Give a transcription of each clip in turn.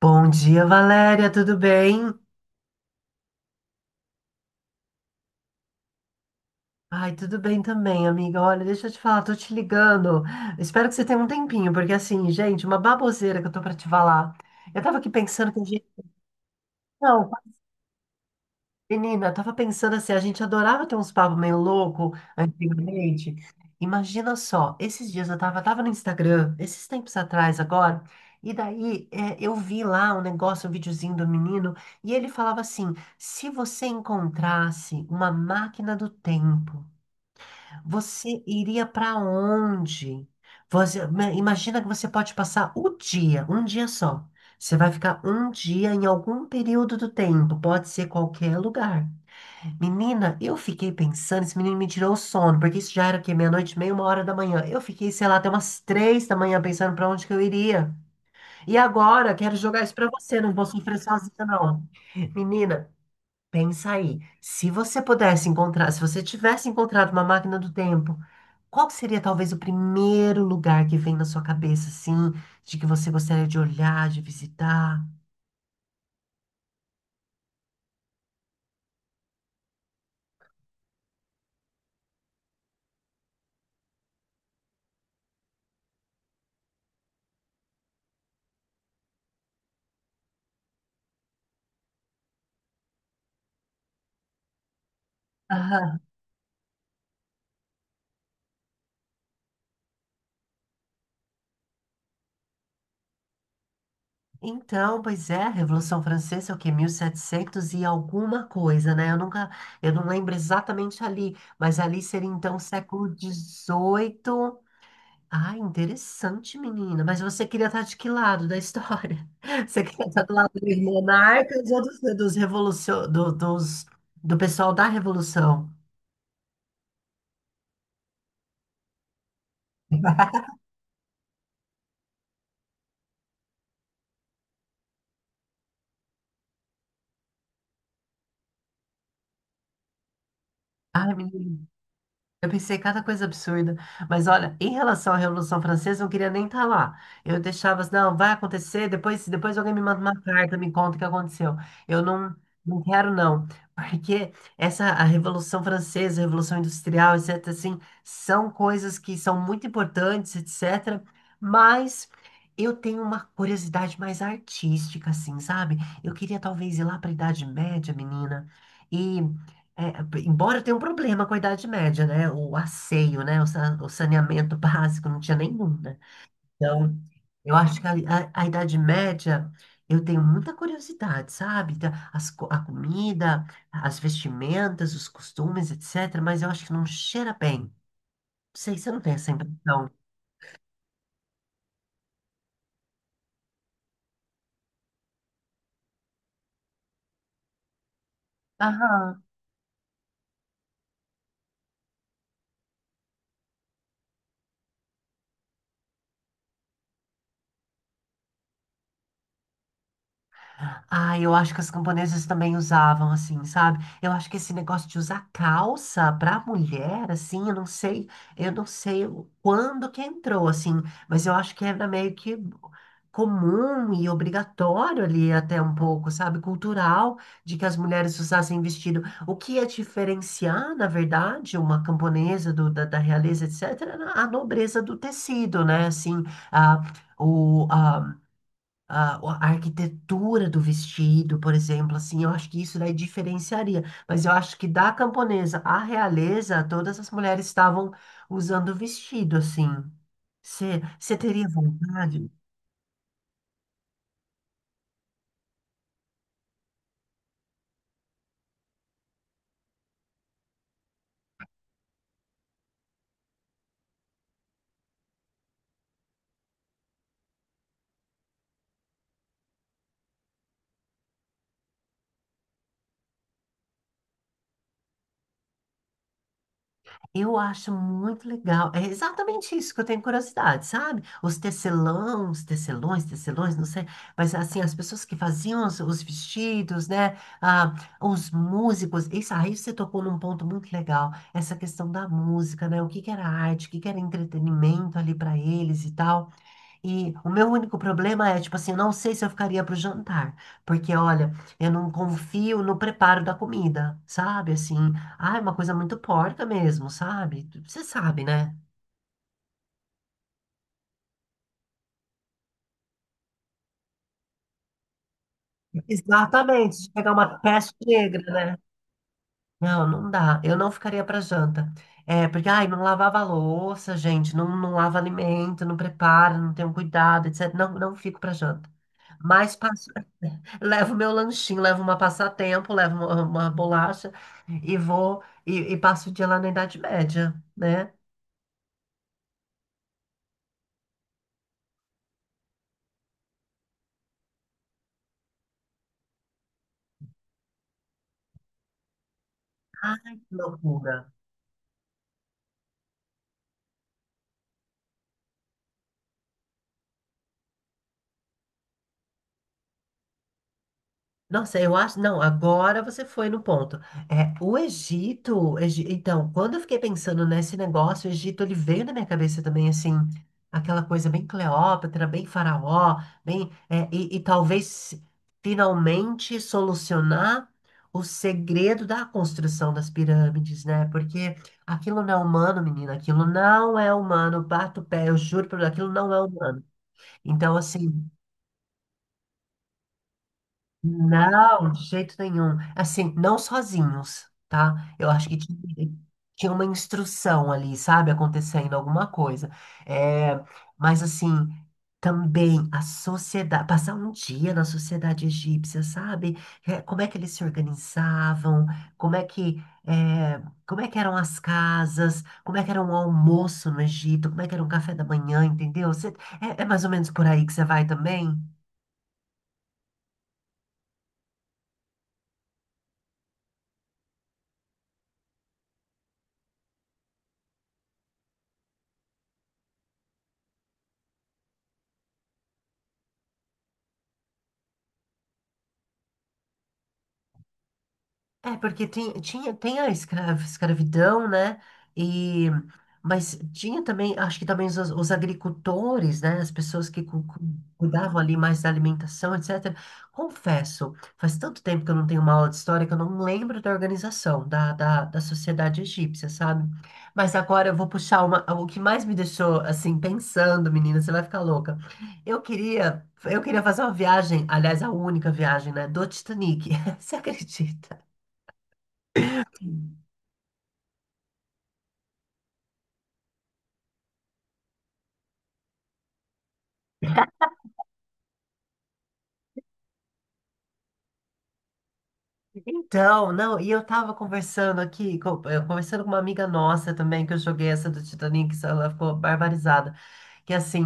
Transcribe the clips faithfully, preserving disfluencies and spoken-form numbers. Bom dia, Valéria, tudo bem? Ai, tudo bem também, amiga. Olha, deixa eu te falar, tô te ligando. Espero que você tenha um tempinho, porque assim, gente, uma baboseira que eu tô pra te falar. Eu tava aqui pensando que a gente. Não, menina, eu tava pensando assim, a gente adorava ter uns papos meio louco antigamente. Imagina só, esses dias eu tava, tava no Instagram, esses tempos atrás agora, e daí é, eu vi lá um negócio, um videozinho do menino, e ele falava assim: se você encontrasse uma máquina do tempo, você iria pra onde? Você, ma- imagina que você pode passar o dia, um dia só. Você vai ficar um dia em algum período do tempo, pode ser qualquer lugar. Menina, eu fiquei pensando, esse menino me tirou o sono, porque isso já era o quê? Meia-noite, e meia, uma hora da manhã. Eu fiquei, sei lá, até umas três da manhã pensando pra onde que eu iria. E agora, quero jogar isso pra você, não vou sofrer sozinha, não. Menina, pensa aí. Se você pudesse encontrar, se você tivesse encontrado uma máquina do tempo, qual que seria talvez o primeiro lugar que vem na sua cabeça, assim, de que você gostaria de olhar, de visitar? Então, pois é, a Revolução Francesa é o quê? mil e setecentos e setecentos e alguma coisa, né? Eu nunca, eu não lembro exatamente ali, mas ali seria então século dezoito. Ah, interessante, menina. Mas você queria estar de que lado da história? Você queria estar do lado dos monarcas ou dos, dos revolucio- do, dos, do pessoal da Revolução? Ai, menina. Eu pensei cada coisa absurda, mas olha, em relação à Revolução Francesa, eu não queria nem estar lá. Eu deixava assim, não, vai acontecer, depois, depois alguém me manda uma carta, me conta o que aconteceu. Eu não, não quero, não. Porque essa, a Revolução Francesa, a Revolução Industrial, etcetera, assim, são coisas que são muito importantes, etcetera, mas eu tenho uma curiosidade mais artística, assim, sabe? Eu queria talvez ir lá para a Idade Média, menina, e é, embora tenha um problema com a Idade Média, né? O asseio, né? O, sa- o saneamento básico não tinha nenhum, né? Então, eu acho que a, a- a Idade Média, eu tenho muita curiosidade, sabe? Da- As, co- a comida, as vestimentas, os costumes, etcetera. Mas eu acho que não cheira bem. Não sei, você não tem essa impressão? Aham. Ah, eu acho que as camponesas também usavam, assim, sabe? Eu acho que esse negócio de usar calça pra mulher, assim, eu não sei, eu não sei o- quando que entrou, assim, mas eu acho que era meio que comum e obrigatório ali até um pouco, sabe? Cultural, de que as mulheres usassem vestido. O que ia diferenciar, na verdade, uma camponesa do- da, da realeza, etcetera, era a nobreza do tecido, né? Assim, a, o, a a, a arquitetura do vestido, por exemplo, assim, eu acho que isso daí diferenciaria. Mas eu acho que da camponesa à realeza, todas as mulheres estavam usando vestido, assim. Você teria vontade? Eu acho muito legal. É exatamente isso que eu tenho curiosidade, sabe? Os tecelões, tecelões, tecelões, não sei, mas assim, as pessoas que faziam os, os vestidos, né? Ah, os músicos. Isso aí você tocou num ponto muito legal, essa questão da música, né? O que que era arte, o que que era entretenimento ali para eles e tal. E o meu único problema é, tipo assim, eu não sei se eu ficaria pro jantar, porque olha, eu não confio no preparo da comida, sabe? Assim, ah, é uma coisa muito porca mesmo, sabe? Você sabe, né? Exatamente, de pegar uma peste negra, né? Não, não dá. Eu não ficaria pra janta. É, porque, ai, não lavava a louça, gente, não, não lava alimento, não prepara, não tem um cuidado, etcetera. Não, não fico pra janta. Mas levo meu lanchinho, levo uma passatempo, levo uma, uma bolacha e vou e, e passo o dia lá na Idade Média, né? Ai, que loucura. Nossa, eu acho. Não, agora você foi no ponto. É, o Egito, o Egi- então, quando eu fiquei pensando nesse negócio, o Egito, ele veio na minha cabeça também, assim, aquela coisa bem Cleópatra, bem faraó, bem. é, e, e talvez finalmente solucionar o segredo da construção das pirâmides, né? Porque aquilo não é humano, menina, aquilo não é humano. Bato o pé, eu juro por Deus, aquilo não é humano. Então, assim. Não, de jeito nenhum. Assim, não sozinhos, tá? Eu acho que ti- tinha uma instrução ali, sabe? Acontecendo alguma coisa. É, mas assim, também a sociedade, passar um dia na sociedade egípcia, sabe? É, como é que eles se organizavam? Como é que, é, como é que eram as casas? Como é que era o almoço no Egito? Como é que era o café da manhã, entendeu? Você- é é mais ou menos por aí que você vai também? É, porque tem, tinha, tem a escra- escravidão, né? E, mas tinha também, acho que também os, os agricultores, né? As pessoas que cu- cu- cuidavam ali mais da alimentação, etcetera. Confesso, faz tanto tempo que eu não tenho uma aula de história que eu não lembro da organização, da, da, da sociedade egípcia, sabe? Mas agora eu vou puxar uma, o que mais me deixou, assim, pensando, menina, você vai ficar louca. Eu queria, eu queria fazer uma viagem, aliás, a única viagem, né? Do Titanic. Você acredita? Então, não, e eu tava conversando aqui, co- eh, conversando com uma amiga nossa também, que eu joguei essa do Titanic, ela ficou barbarizada. Que assim,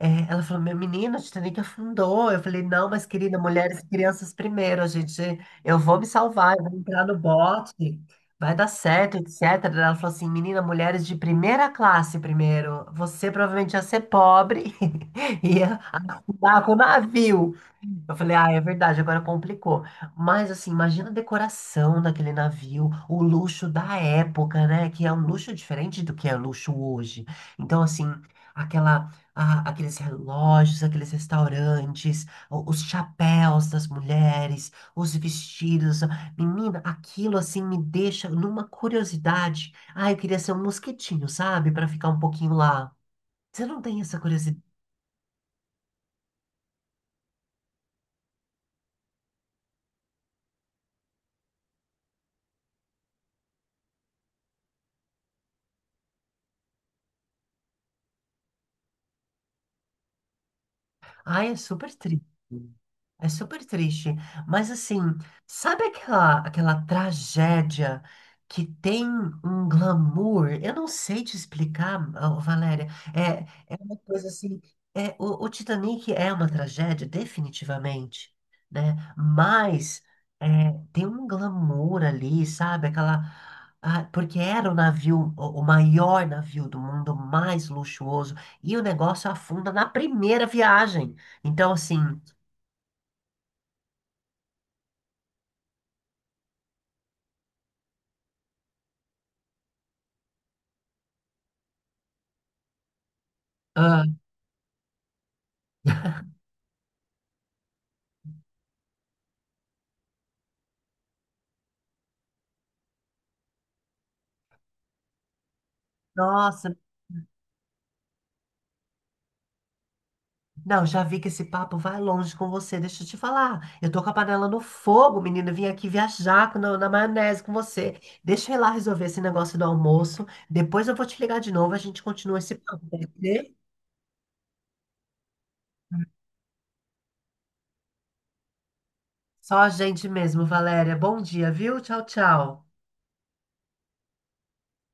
eh, ela falou, meu menino, o Titanic afundou. Eu falei, não, mas querida, mulheres e crianças primeiro, a gente, eu vou me salvar, eu vou entrar no bote, vai dar certo, etcetera. Ela falou assim, menina, mulheres de primeira classe primeiro, você provavelmente ia ser pobre e ia afundar com o navio. Eu falei, ah, é verdade, agora complicou. Mas assim, imagina a decoração daquele navio, o luxo da época, né? Que é um luxo diferente do que é luxo hoje. Então, assim, aquela, a- aqueles relógios, aqueles restaurantes, o- os chapéus das mulheres, os vestidos. Menina, aquilo assim me deixa numa curiosidade. Ah, eu queria ser um mosquitinho, sabe? Pra ficar um pouquinho lá. Você não tem essa curiosidade? Ah, é super triste. É super triste, mas assim, sabe aquela, aquela tragédia que tem um glamour? Eu não sei te explicar, ô, Valéria. É, é uma coisa assim. É, o, o Titanic é uma tragédia, definitivamente, né? Mas é, tem um glamour ali, sabe? Aquela. ah, porque era o navio, o o maior navio do mundo, o mais luxuoso, e o negócio afunda na primeira viagem. Então, assim. ah, Nossa, não, já vi que esse papo vai longe com você. Deixa eu te falar. Eu tô com a panela no fogo, menina. Vim aqui viajar com- na, na maionese com você. Deixa eu ir lá resolver esse negócio do almoço. Depois eu vou te ligar de novo. A gente continua esse papo, pode ser? Só a gente mesmo, Valéria. Bom dia, viu? Tchau, tchau.